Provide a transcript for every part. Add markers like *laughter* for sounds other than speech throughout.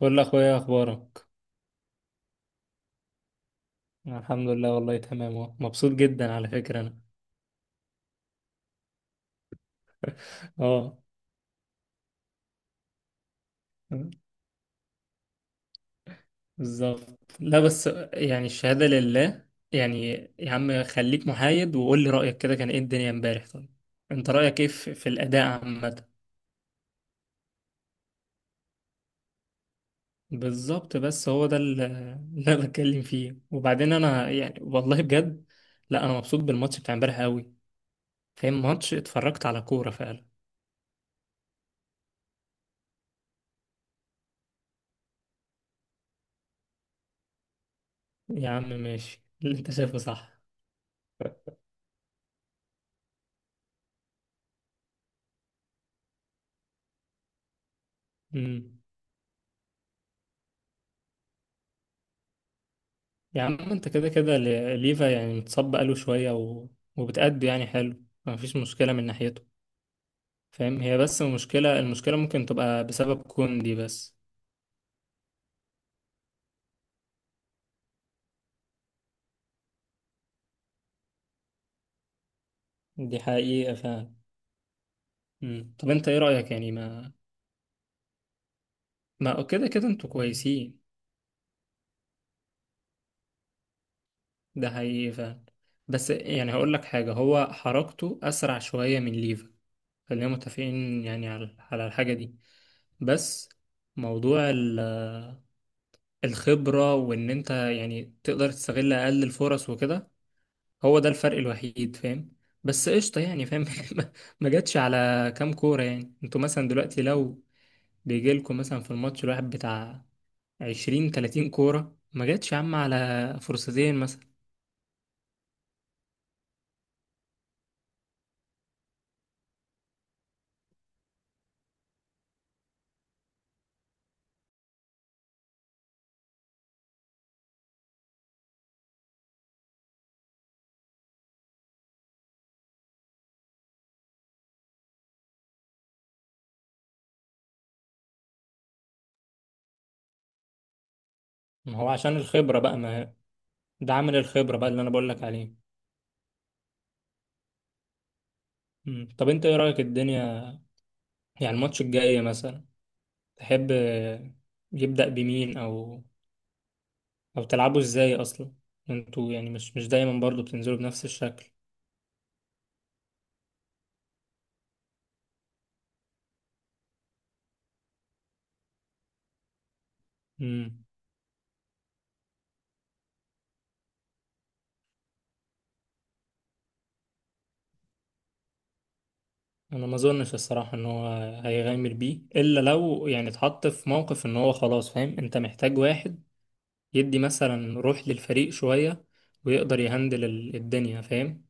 بقول اخويا، اخبارك؟ الحمد لله، والله تمام أهو. مبسوط جدا على فكرة انا. اه. بالظبط، لا بس، يعني الشهادة لله. يعني، يا عم خليك محايد وقول لي رأيك كده، كان ايه الدنيا امبارح؟ طيب، انت رأيك ايه في الأداء عامة؟ بالظبط، بس هو ده اللي انا بتكلم فيه. وبعدين انا يعني والله بجد، لا، انا مبسوط بالماتش بتاع امبارح قوي، فاهم؟ ماتش، اتفرجت على كورة فعلا. يا عم ماشي، اللي انت شايفه صح. يا عم، انت كده كده ليفا يعني متصاب بقاله شوية وبتأدي يعني حلو، مفيش مشكلة من ناحيته، فاهم؟ هي بس المشكلة، المشكلة ممكن تبقى بسبب كوندي بس. دي حقيقة فعلا. مم. طب انت ايه رأيك يعني؟ ما ما كده كده انتوا كويسين. ده حقيقي فعلا. بس يعني هقول لك حاجة، هو حركته أسرع شوية من ليفا. خلينا متفقين يعني على الحاجة دي. بس، موضوع الخبرة، وإن أنت يعني تقدر تستغل أقل الفرص وكده، هو ده الفرق الوحيد، فاهم؟ بس قشطة، يعني فاهم؟ *laughs* ما ما جاتش على كام كورة؟ يعني انتوا مثلا دلوقتي لو بيجيلكوا مثلا في الماتش الواحد بتاع عشرين تلاتين كورة، ما جاتش يا عم على فرصتين مثلا؟ ما هو عشان الخبرة بقى. ما ده عامل الخبرة بقى اللي أنا بقولك عليه. مم. طب أنت إيه رأيك الدنيا، يعني الماتش الجاي مثلا؟ تحب يبدأ بمين، أو تلعبوا إزاي أصلا؟ انتوا يعني مش دايما برضو بتنزلوا بنفس الشكل. انا ما اظنش الصراحه ان هو هيغامر بيه، الا لو يعني اتحط في موقف ان هو خلاص، فاهم؟ انت محتاج واحد يدي مثلا روح للفريق شويه، ويقدر يهندل الدنيا، فاهم؟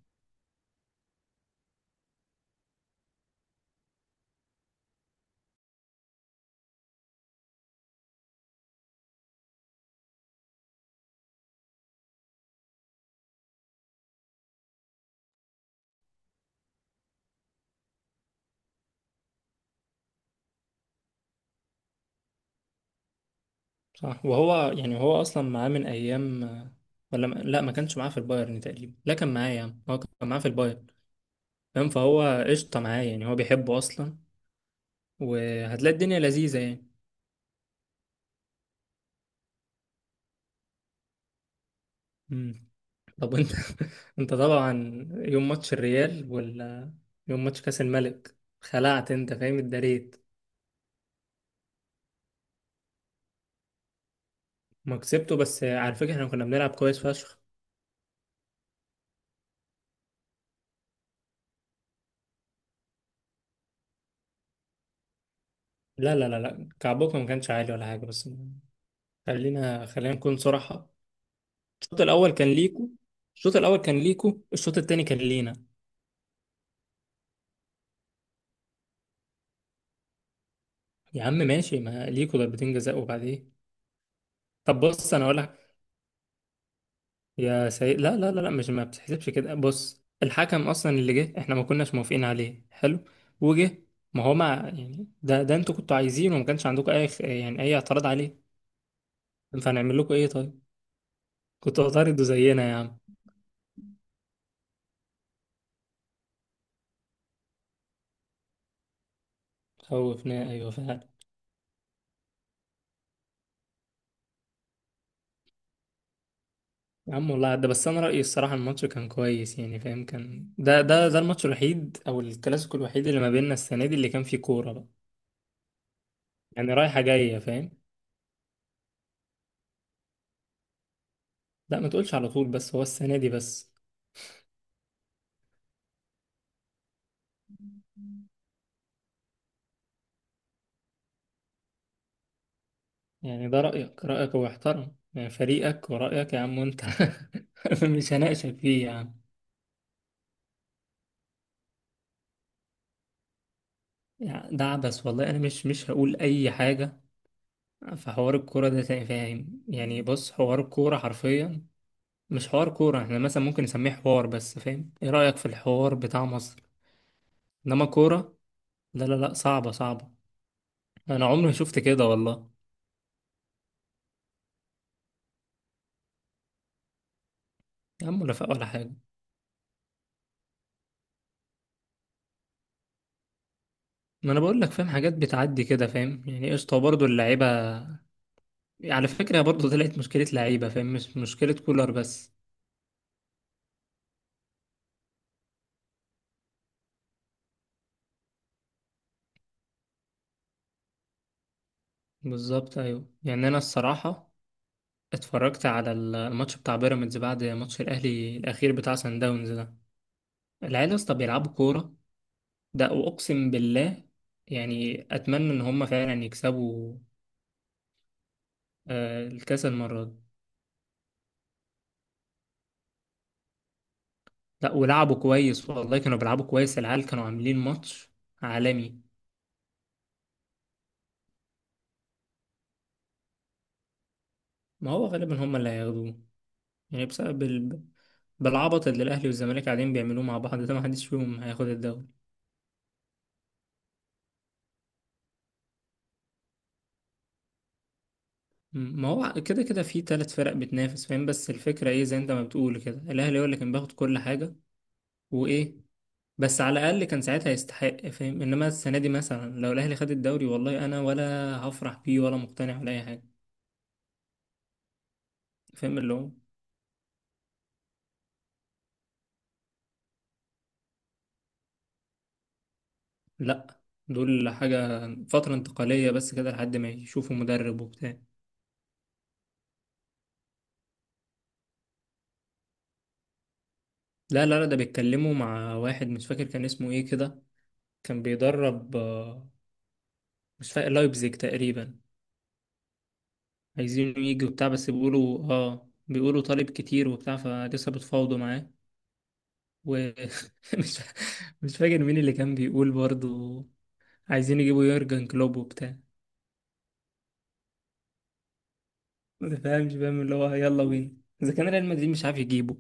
صح. وهو يعني، هو اصلا معاه من ايام، ولا ما... لا، ما كانش معاه في البايرن تقريبا. لا، كان معاه يا عم، هو كان معاه في البايرن، فاهم؟ فهو قشطه معاه، يعني هو بيحبه اصلا، وهتلاقي الدنيا لذيذه. يعني، طب انت، *laughs* انت طبعا، يوم ماتش الريال ولا يوم ماتش كاس الملك، خلعت؟ انت فاهم؟ اتدريت. ما كسبته، بس على فكره احنا كنا بنلعب كويس فشخ. لا لا لا لا، كعبكم ما كانش عالي ولا حاجه. بس خلينا خلينا نكون صراحه. الشوط الاول كان ليكو. الشوط الاول كان ليكو، الشوط التاني كان لينا. يا عم ماشي، ما ليكو ضربتين جزاء، وبعد ايه؟ طب بص انا اقول لك، يا سيد، لا لا لا لا، مش، ما بتحسبش كده. بص، الحكم اصلا اللي جه احنا ما كناش موافقين عليه، حلو، وجه. ما هو، ما يعني، ده ده انتوا كنتوا عايزينه، وما كانش عندكم اي يعني اي اعتراض عليه. فهنعمل لكم ايه طيب؟ كنتوا هتعرضوا زينا يا عم. خوفنا، ايوه فعلا. يا عم، والله عدى. بس انا رايي الصراحه الماتش كان كويس، يعني فاهم؟ كان ده ده ده الماتش الوحيد او الكلاسيكو الوحيد اللي ما بيننا السنه دي اللي كان فيه كوره بقى، يعني رايحه جايه، فاهم؟ لا ما تقولش على طول، بس هو السنه دي بس. يعني ده رأيك، رأيك، هو يحترم. يعني فريقك ورأيك يا عم، وانت، *laughs* مش هناقشك فيه يا عم. يعني ده عبث والله، انا مش هقول اي حاجة في حوار الكورة ده تاني، فاهم؟ يعني بص، حوار الكورة حرفيا مش حوار كورة، احنا مثلا ممكن نسميه حوار بس، فاهم؟ ايه رأيك في الحوار بتاع مصر؟ انما كورة، لا لا لا، صعبة صعبة. انا عمري ما شفت كده والله. يا عم، ولا فاق ولا حاجة. ما انا بقول لك، فاهم؟ حاجات بتعدي كده، فاهم؟ يعني قشطة برضه اللعيبة. على فكرة برضو طلعت مشكلة لعيبة، فاهم؟ مش مشكلة كولر بس. بالظبط، أيوة. يعني أنا الصراحة اتفرجت على الماتش بتاع بيراميدز بعد ماتش الأهلي الأخير بتاع سان داونز ده. العيال يا اسطى بيلعبوا كورة، ده وأقسم بالله. يعني أتمنى إن هما فعلا يكسبوا الكاس المرة دي. لا، ولعبوا كويس والله، كانوا بيلعبوا كويس. العيال كانوا عاملين ماتش عالمي. ما هو غالبا هما اللي هياخدوه، يعني بسبب بالعبط اللي الأهلي والزمالك قاعدين بيعملوه مع بعض ده، محدش فيهم هياخد الدوري. ما هو كده كده في ثلاث فرق بتنافس، فاهم؟ بس الفكرة ايه، زي انت ما بتقول كده، الأهلي هو اللي كان بياخد كل حاجة وإيه، بس على الأقل كان ساعتها يستحق، فاهم؟ إنما السنة دي مثلا لو الأهلي خد الدوري، والله أنا ولا هفرح بيه ولا مقتنع ولا أي حاجة، فاهم اللي هو. لأ، دول حاجة فترة انتقالية بس كده، لحد ما يشوفوا مدرب وبتاع. لا لا لا، ده بيتكلموا مع واحد، مش فاكر كان اسمه ايه كده، كان بيدرب مش فاكر لايبزيج تقريبا. عايزينه يجي وبتاع، بس بيقولوا طالب كتير وبتاع فلسه، بتفاوضوا معاه. ومش *laughs* مش فاكر مين اللي كان بيقول برضو عايزين يجيبوا يورجن كلوب وبتاع. ما فاهمش، فاهم اللي هو، يلا بينا اذا كان ريال مدريد مش عارف يجيبه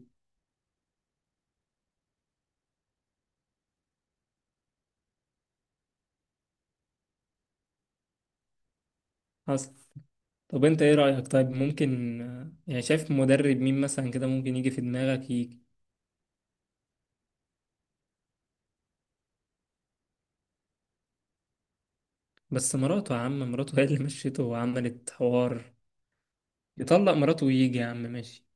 اصلا. طب انت ايه رأيك طيب؟ ممكن يعني شايف مدرب مين مثلا كده ممكن يجي في دماغك؟ يجي، بس مراته يا عم، مراته هي اللي مشيته وعملت حوار. يطلق مراته ويجي يا عم، ماشي.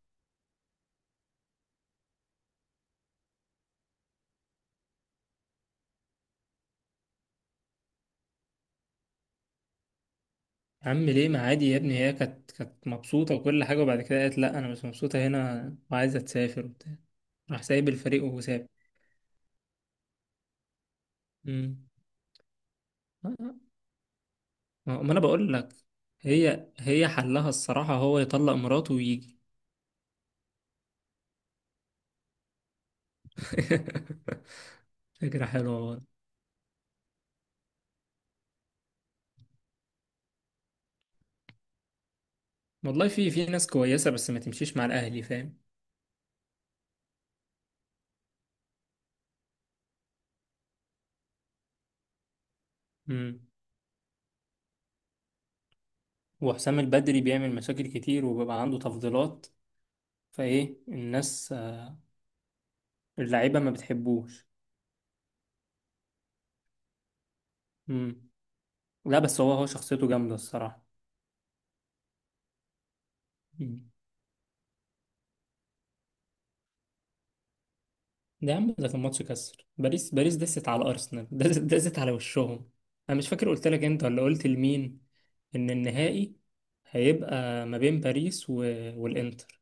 يا عم ليه؟ ما عادي يا ابني، هي كانت مبسوطة وكل حاجة، وبعد كده قالت لا، أنا مش مبسوطة هنا وعايزة تسافر وبتاع، راح سايب الفريق وساب. امم. ما ما أنا بقول لك، هي حلها الصراحة هو يطلق مراته ويجي. *laughs* فكرة حلوة والله. والله في ناس كويسة، بس ما تمشيش مع الأهلي، فاهم؟ امم. وحسام البدري بيعمل مشاكل كتير وبيبقى عنده تفضيلات، فإيه، الناس اللعيبة ما بتحبوش. امم. لا بس هو شخصيته جامدة الصراحة. ده يا عم، ده كان ماتش كسر. باريس باريس دست على ارسنال، *laughs* دست دست على وشهم. انا مش فاكر قلت لك انت ولا قلت لمين، ان النهائي هيبقى ما بين باريس والانتر.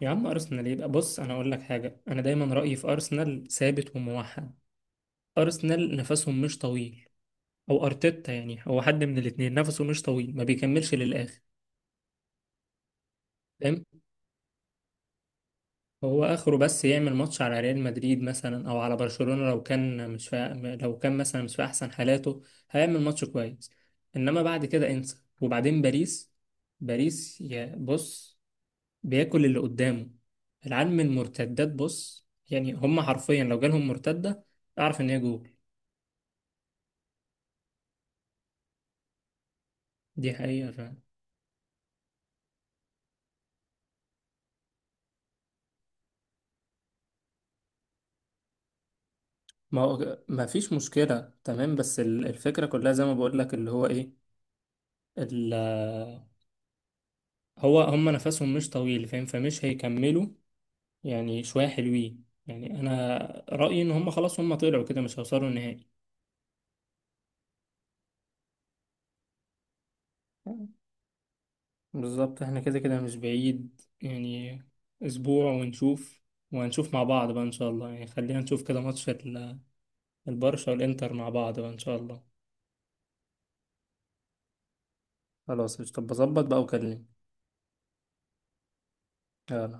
يا عم ارسنال، يبقى بص انا اقول لك حاجه، انا دايما رايي في ارسنال ثابت وموحد. ارسنال نفسهم مش طويل، او ارتيتا، يعني هو حد من الاتنين نفسه مش طويل، ما بيكملش للاخر. هو اخره بس يعمل ماتش على ريال مدريد مثلا او على برشلونة، لو كان مش في، لو كان مثلا مش في احسن حالاته، هيعمل ماتش كويس، انما بعد كده انسى. وبعدين باريس، باريس يا بص بياكل اللي قدامه. العيال من المرتدات، بص يعني هم حرفيا لو جالهم مرتدة، اعرف ان هي جول. دي حقيقة فعلا. ما هو ما فيش مشكلة تمام، بس الفكرة كلها زي ما بقول لك اللي هو ايه، ال- هو هم نفسهم مش طويل، فاهم؟ فمش هيكملوا، يعني شوية حلوين. يعني أنا رأيي إن هم خلاص هم طلعوا كده، مش هيوصلوا النهائي. بالظبط، احنا كده كده مش بعيد يعني، أسبوع ونشوف. وهنشوف مع بعض بقى إن شاء الله، يعني خلينا نشوف كده ماتش البرشا والإنتر مع بعض بقى إن شاء الله. خلاص، طب بظبط بقى وكلمني، يلا.